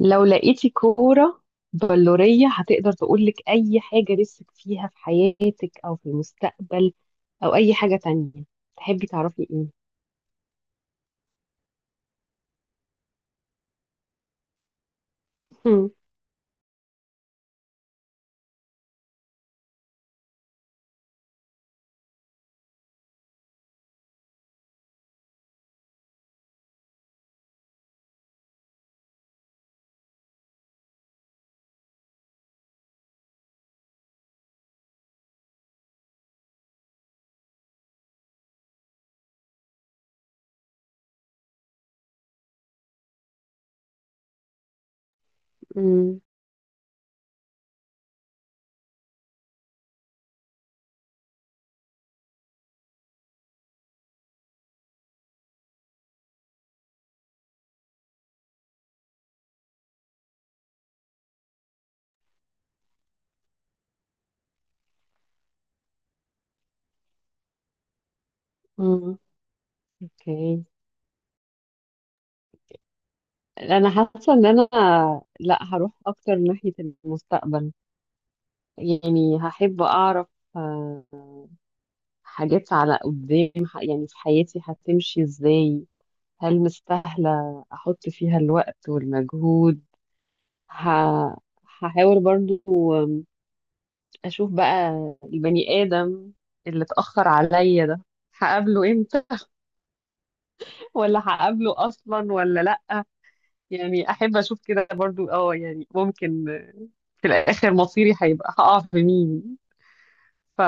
لو لقيتي كورة بلورية هتقدر تقولك أي حاجة نفسك فيها في حياتك أو في المستقبل أو أي حاجة تانية تحبي تعرفي إيه؟ مم، مم، مم. أوكي، أنا حاسة إن أنا لأ، هروح أكتر ناحية المستقبل. يعني هحب أعرف آه، حاجات على قدام، يعني في حياتي هتمشي إزاي، هل مستاهلة أحط فيها الوقت والمجهود؟ ه... هحاول برضو اشوف بقى البني ادم اللي اتاخر عليا ده هقابله امتى ولا هقابله اصلا ولا لا. يعني احب اشوف كده برضو، اه يعني ممكن في الاخر مصيري هيبقى هقع في مين. ف...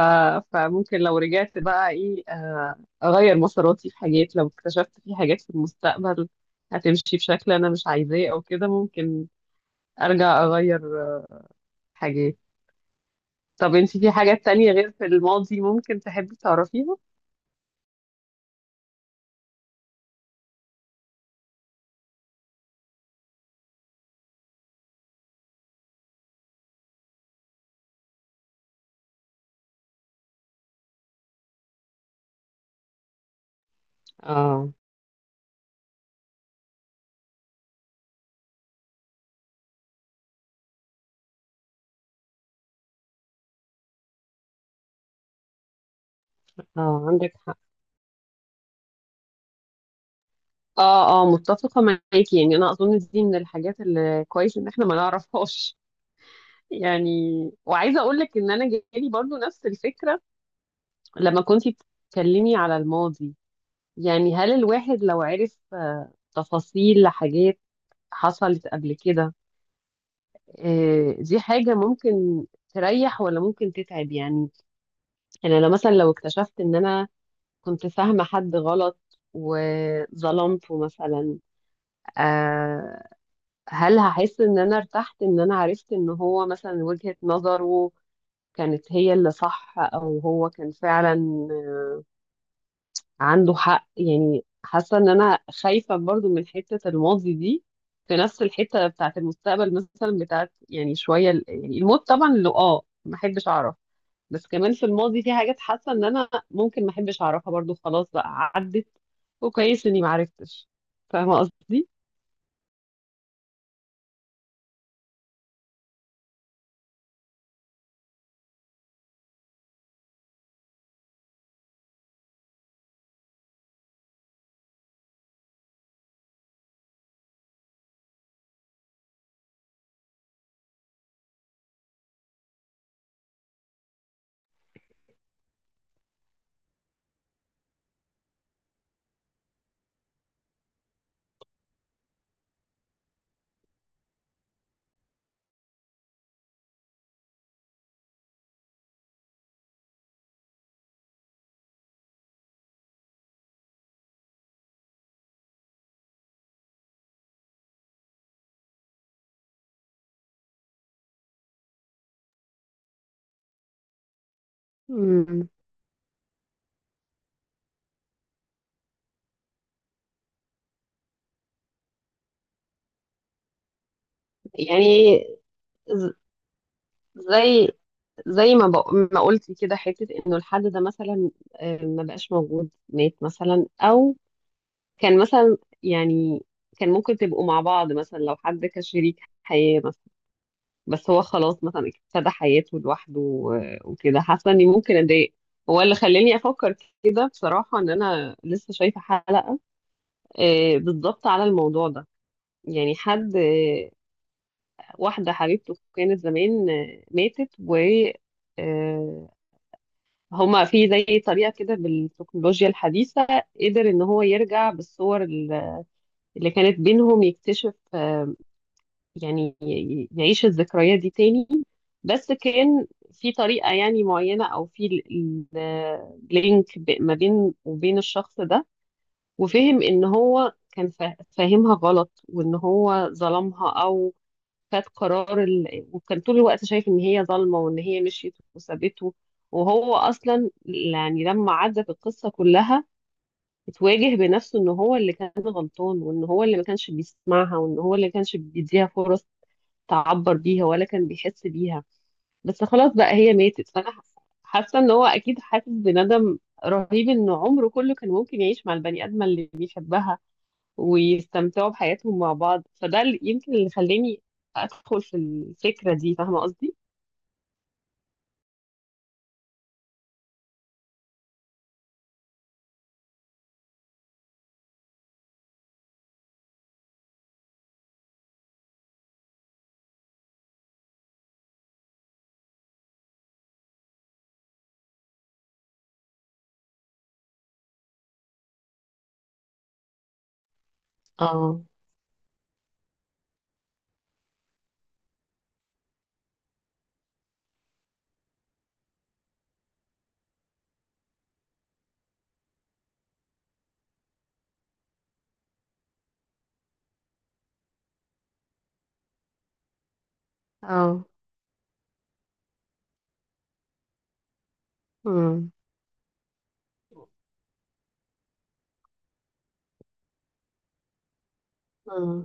فممكن لو رجعت بقى ايه، اغير مساراتي في حاجات. لو اكتشفت في حاجات في المستقبل هتمشي بشكل انا مش عايزاه او كده، ممكن ارجع اغير حاجات. طب انت في حاجات تانية غير في الماضي ممكن تحبي تعرفيها؟ اه. اه، عندك حق. اه اه، متفقة معاكي. يعني انا اظن دي من الحاجات اللي كويس ان احنا ما نعرفهاش يعني وعايزة اقول لك ان انا جالي برضو نفس الفكرة لما كنتي بتتكلمي على الماضي. يعني هل الواحد لو عرف تفاصيل لحاجات حصلت قبل كده، دي حاجة ممكن تريح ولا ممكن تتعب؟ يعني انا لو مثلا، لو اكتشفت ان انا كنت فاهمة حد غلط وظلمته مثلا، آه، هل هحس ان انا ارتحت ان انا عرفت ان هو مثلا وجهة نظره كانت هي اللي صح، او هو كان فعلا آه، عنده حق؟ يعني حاسة ان انا خايفة برضو من حتة الماضي دي في نفس الحتة بتاعت المستقبل، مثلا بتاعت يعني شوية يعني الموت طبعا اللي اه ما احبش اعرف. بس كمان في الماضي في حاجات حاسه ان انا ممكن ما احبش اعرفها برضو، خلاص بقى عدت وكويس اني ما عرفتش. فاهمه قصدي؟ امم. يعني ز- زي، ما قلتي كده، حته انه الحد ده مثلا، ما بقاش موجود، مات مثلا، او كان مثلا، يعني كان ممكن تبقوا مع بعض مثلا لو حد كشريك حياه، بس هو خلاص مثلا ابتدى حياته لوحده وكده، حاسه اني ممكن اتضايق. هو اللي خلاني افكر كده بصراحه، ان انا لسه شايفه حلقه بالظبط على الموضوع ده. يعني حد، واحده حبيبته كانت زمان ماتت، و آه، هما في زي طريقه كده بالتكنولوجيا الحديثه قدر ان هو يرجع بالصور اللي كانت بينهم، يكتشف يعني يعيش الذكريات دي تاني. بس كان في طريقة يعني معينة أو في لينك ما بين وبين الشخص ده، وفهم إن هو كان فاهمها غلط وإن هو ظلمها، أو خد قرار وكان طول الوقت شايف إن هي ظالمة وإن هي مشيت وسابته. وهو أصلا يعني لما عدت القصة كلها اتواجه بنفسه إن هو اللي كان غلطان وإن هو اللي ما كانش بيسمعها وإن هو اللي ما كانش بيديها فرص تعبر بيها ولا كان بيحس بيها. بس خلاص بقى هي ماتت، فانا حاسة ان هو اكيد حاسس بندم رهيب ان عمره كله كان ممكن يعيش مع البني ادمه اللي بيحبها ويستمتعوا بحياتهم مع بعض. فده اللي يمكن اللي خلاني ادخل في الفكره دي. فاهمه قصدي؟ اه. اه. امم. اه.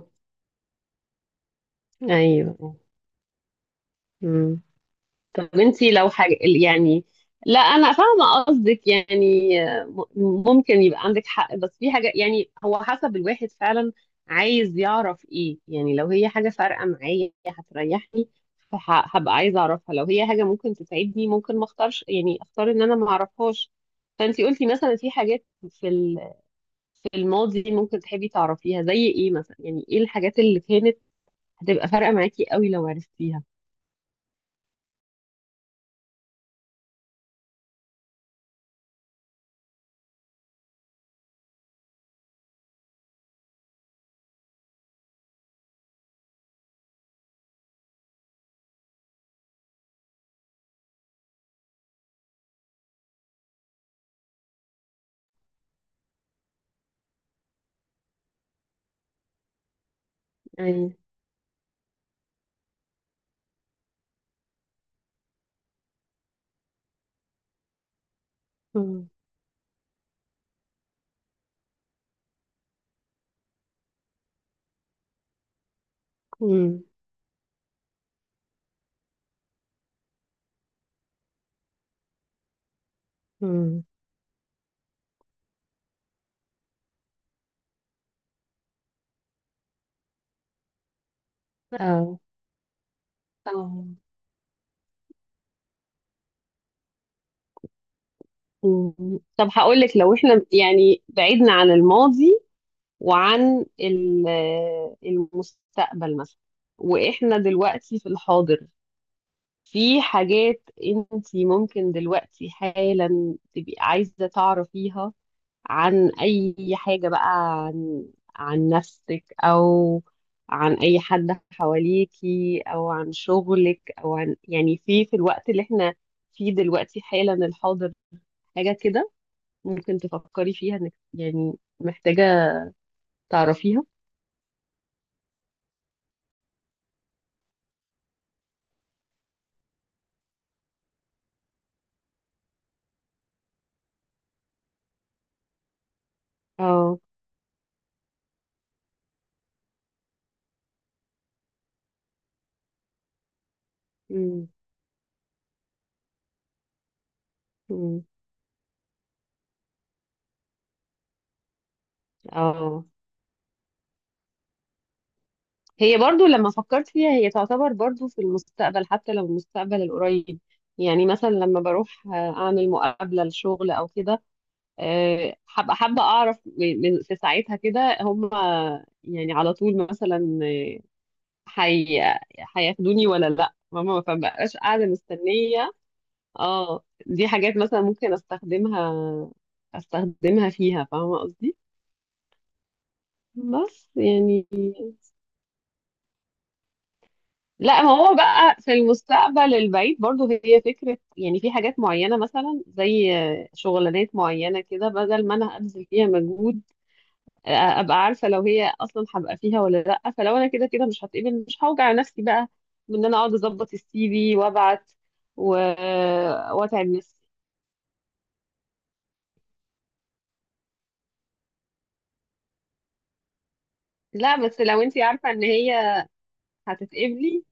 ايوه. امم. طب انتي لو حاجة يعني، لا انا فاهمة قصدك يعني. ممكن يبقى عندك حق، بس في حاجة، يعني هو حسب الواحد فعلا عايز يعرف ايه. يعني لو هي حاجة فارقة معايا هتريحني، هبقى عايزة اعرفها. لو هي حاجة ممكن تساعدني، ممكن ما اختارش، يعني اختار ان انا ما اعرفهاش. فانتي قلتي مثلا في حاجات في في الماضي ممكن تحبي تعرفيها، زي ايه مثلا؟ يعني ايه الحاجات اللي كانت هتبقى فارقة معاكي قوي لو عرفتيها؟ يعني مم. مم. مم. اه. اه. مم. طب هقول لك، لو احنا يعني بعدنا عن الماضي وعن المستقبل مثلا، واحنا دلوقتي في الحاضر، في حاجات انت ممكن دلوقتي حالا تبقي عايزة تعرفيها عن اي حاجة بقى؟ عن، عن نفسك، او عن اي حد حواليكي، او عن شغلك، او عن يعني في في الوقت اللي احنا فيه دلوقتي حالا، الحاضر. حاجة كده ممكن تفكري فيها انك يعني محتاجة تعرفيها. اه. أمم، أمم، اه، هي برضو لما فكرت فيها هي تعتبر برضو في المستقبل، حتى لو المستقبل القريب. يعني مثلا لما بروح اعمل مقابلة لشغل او كده، حابة اعرف في ساعتها كده هم يعني على طول مثلا، آه، حي هياخدوني ولا لا؟ ماما ما بقاش قاعدة مستنية. اه دي حاجات مثلا ممكن استخدمها فيها. فاهمة قصدي؟ بس يعني، لا ما هو بقى في المستقبل البعيد برضو هي فكرة يعني، في حاجات معينة مثلا، زي شغلانات معينة كده، بدل ما انا ابذل فيها مجهود ابقى عارفة لو هي اصلا هبقى فيها ولا لا. فلو انا كده كده مش هتقبل، مش هوجع نفسي بقى، بان انا اقعد اظبط الـ CV وابعت، و... واتعب نفسي. لا بس لو انت عارفة ان هي هتتقبلي،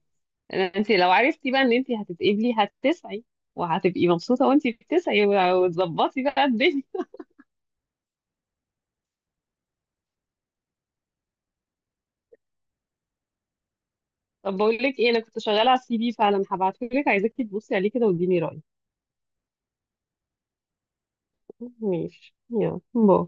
انت لو عرفتي بقى ان انت هتتقبلي هتسعي، وهتبقي مبسوطه وانت بتسعي، وتظبطي بقى الدنيا طب بقول لك ايه، انا كنت شغاله على الـ CV فعلا، هبعته لك، عايزاكي تبصي عليه كده واديني رايك. ماشي، يلا باي.